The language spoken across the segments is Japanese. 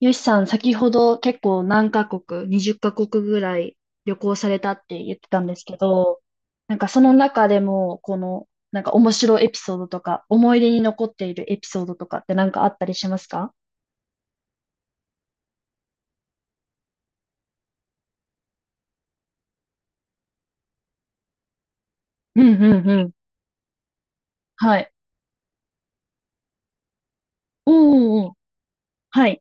よしさん、先ほど結構何カ国、20カ国ぐらい旅行されたって言ってたんですけど、なんかその中でも、なんか面白いエピソードとか、思い出に残っているエピソードとかってなんかあったりしますか？うんうんうん。はい。おーおーおー、はい。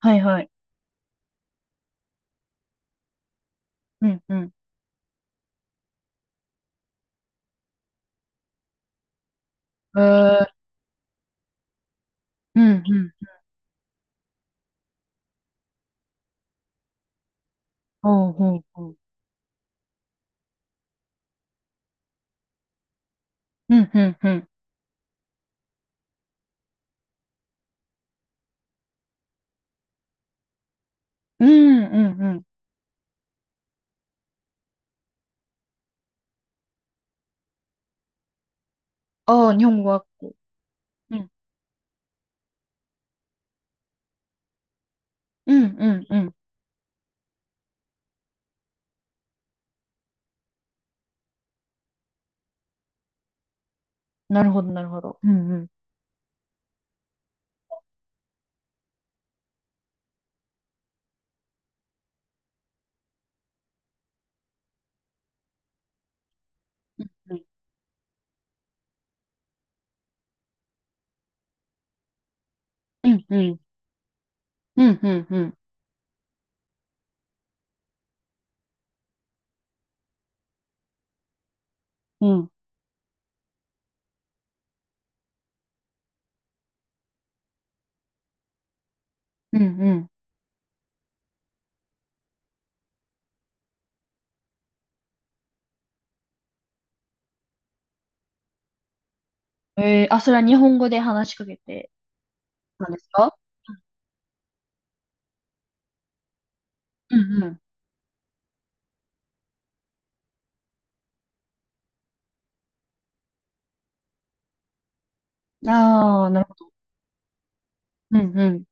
はいはい。うんうん。えー、うんうん。うんうんうん。おーうんうんうん。うんうんうん。ああ、日本語学校。うん。うんうんうん。なるほどなるほど。うんうん。うんうん。うんうんうん、うん、うん。うん。うん、うん。あ、それは日本語で話しかけてたんですか？うん、うん。ああ、なるほど。うん、うん。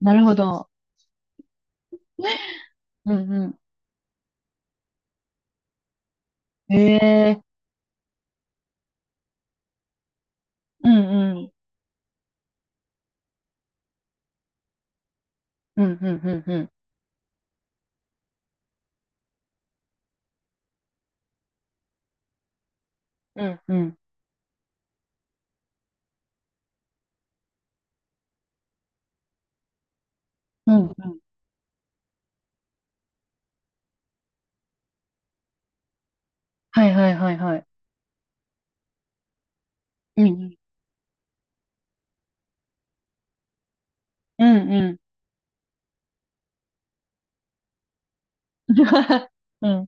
なるほど。うん、うん。うん、うん。うん、うん、うん、うん。うん、うん。うん、うん。はい、はい、はい、はい。うん、うん、うん。うん。うん、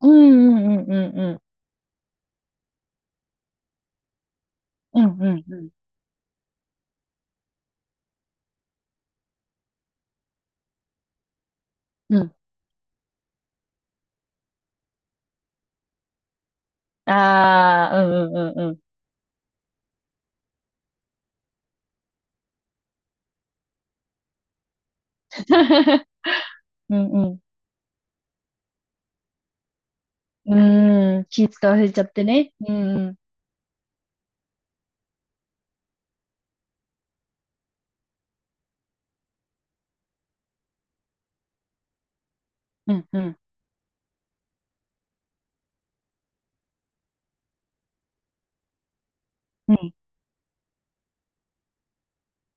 うん、うん、うん、うん。うん、うん、うん。うんうん。ああ、うん、うん、うん、うん。うん、うん。うーん、気使わせちゃってね。うん、うん、うん、うん。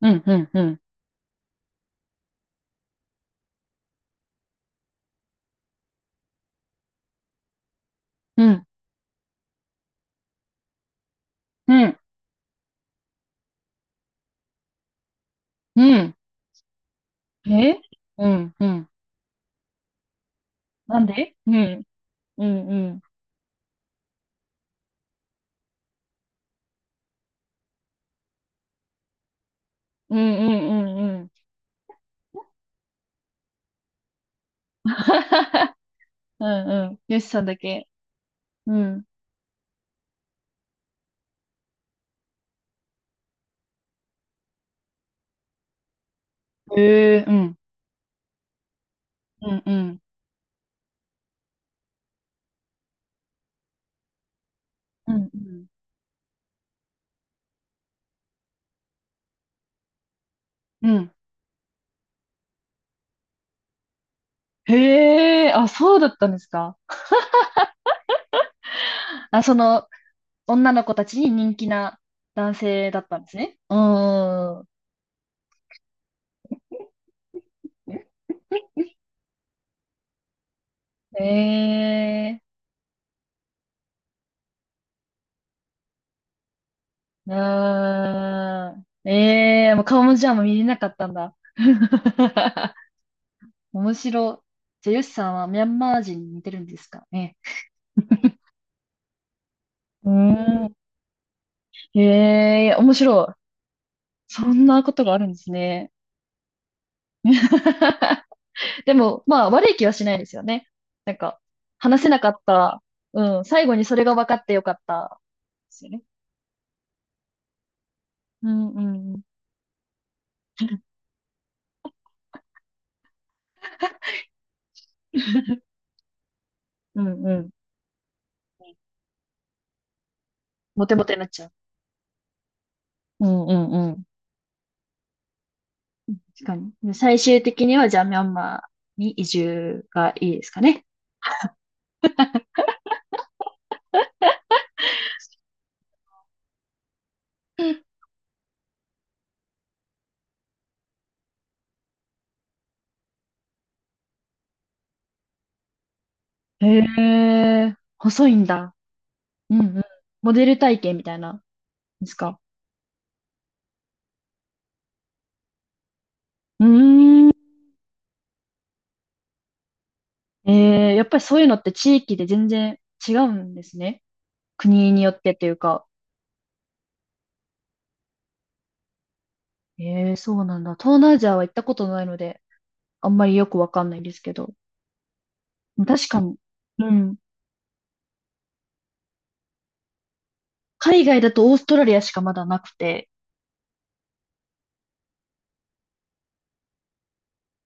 うん、うん、うん、うん、うん、うん。えうん、うん。なんでうん、うん、うん、うん、うん、うん、うん。うん、うん。よしさんだけ。うん。へえ、うん、うん、うん、うん、うん。うんへえ、あ、そうだったんですか。あ、女の子たちに人気な男性だったんですね。うーん。ええ、あー、ええ、もう顔もじゃあもう見れなかったんだ。面白。じゃあ、ヨシさんはミャンマー人に似てるんですかね。うーん。へえ、面白い。そんなことがあるんですね。でも、まあ、悪い気はしないですよね。なんか、話せなかった。うん、最後にそれが分かってよかった。ですよね。うんうんうん。うんうん。モテモテになっちゃう。うんうんうん。確かに。で最終的には、じゃあ、ミャンマーに移住がいいですかね。へえ、細いんだ。うんうん。モデル体験みたいなんですか？うーん。やっぱりそういうのって地域で全然違うんですね。国によってというか。そうなんだ。東南アジアは行ったことないので、あんまりよくわかんないんですけど。確かに。うん。海外だとオーストラリアしかまだなくて、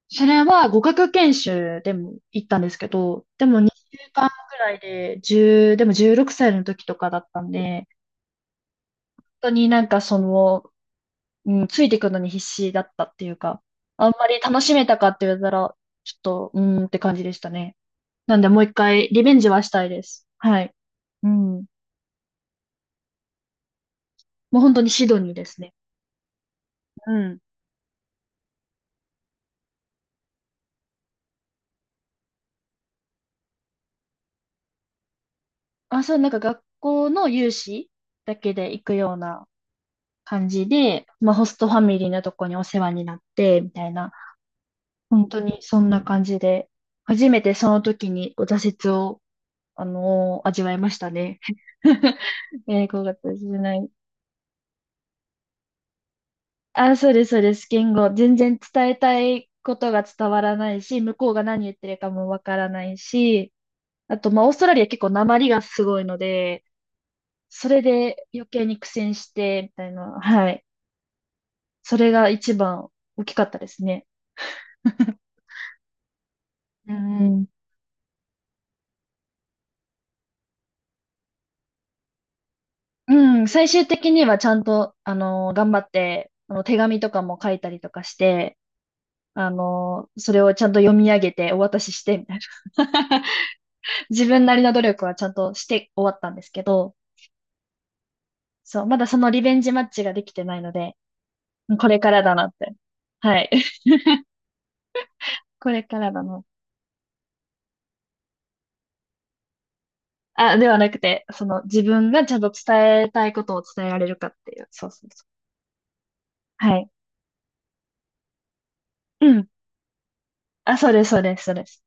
それは語学研修でも行ったんですけど、でも2週間くらいで、1でも16歳の時とかだったんで、本当になんかその、うん、ついていくのに必死だったっていうか、あんまり楽しめたかって言われたら、ちょっと、うーんって感じでしたね。なんでもう一回リベンジはしたいです。はい。うん。もう本当にシドニーですね。うん。あ、そう、なんか学校の有志だけで行くような感じで、まあホストファミリーのとこにお世話になって、みたいな、本当にそんな感じで、初めてその時にこう挫折を、味わいましたね。5月じゃない。あ、そうです、そうです。言語。全然伝えたいことが伝わらないし、向こうが何言ってるかもわからないし、あと、まあ、オーストラリア結構訛りがすごいので、それで余計に苦戦して、みたいな。はい。それが一番大きかったですね。うん。うん、最終的にはちゃんと、頑張って、手紙とかも書いたりとかして、それをちゃんと読み上げてお渡しして、みたいな。自分なりの努力はちゃんとして終わったんですけど、そう、まだそのリベンジマッチができてないので、これからだなって。はい。これからだな。あ、ではなくて、その自分がちゃんと伝えたいことを伝えられるかっていう。そうそうそう。はい。うん。あ、そうです、そうです、そうです。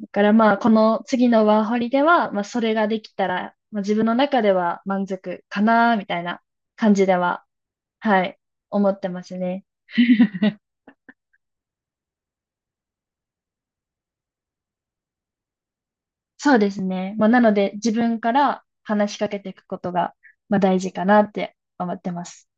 だからまあ、この次のワーホリでは、まあ、それができたら、まあ、自分の中では満足かな、みたいな感じでは、はい、思ってますね。そうですね。まあ、なので、自分から話しかけていくことが、まあ、大事かなって思ってます。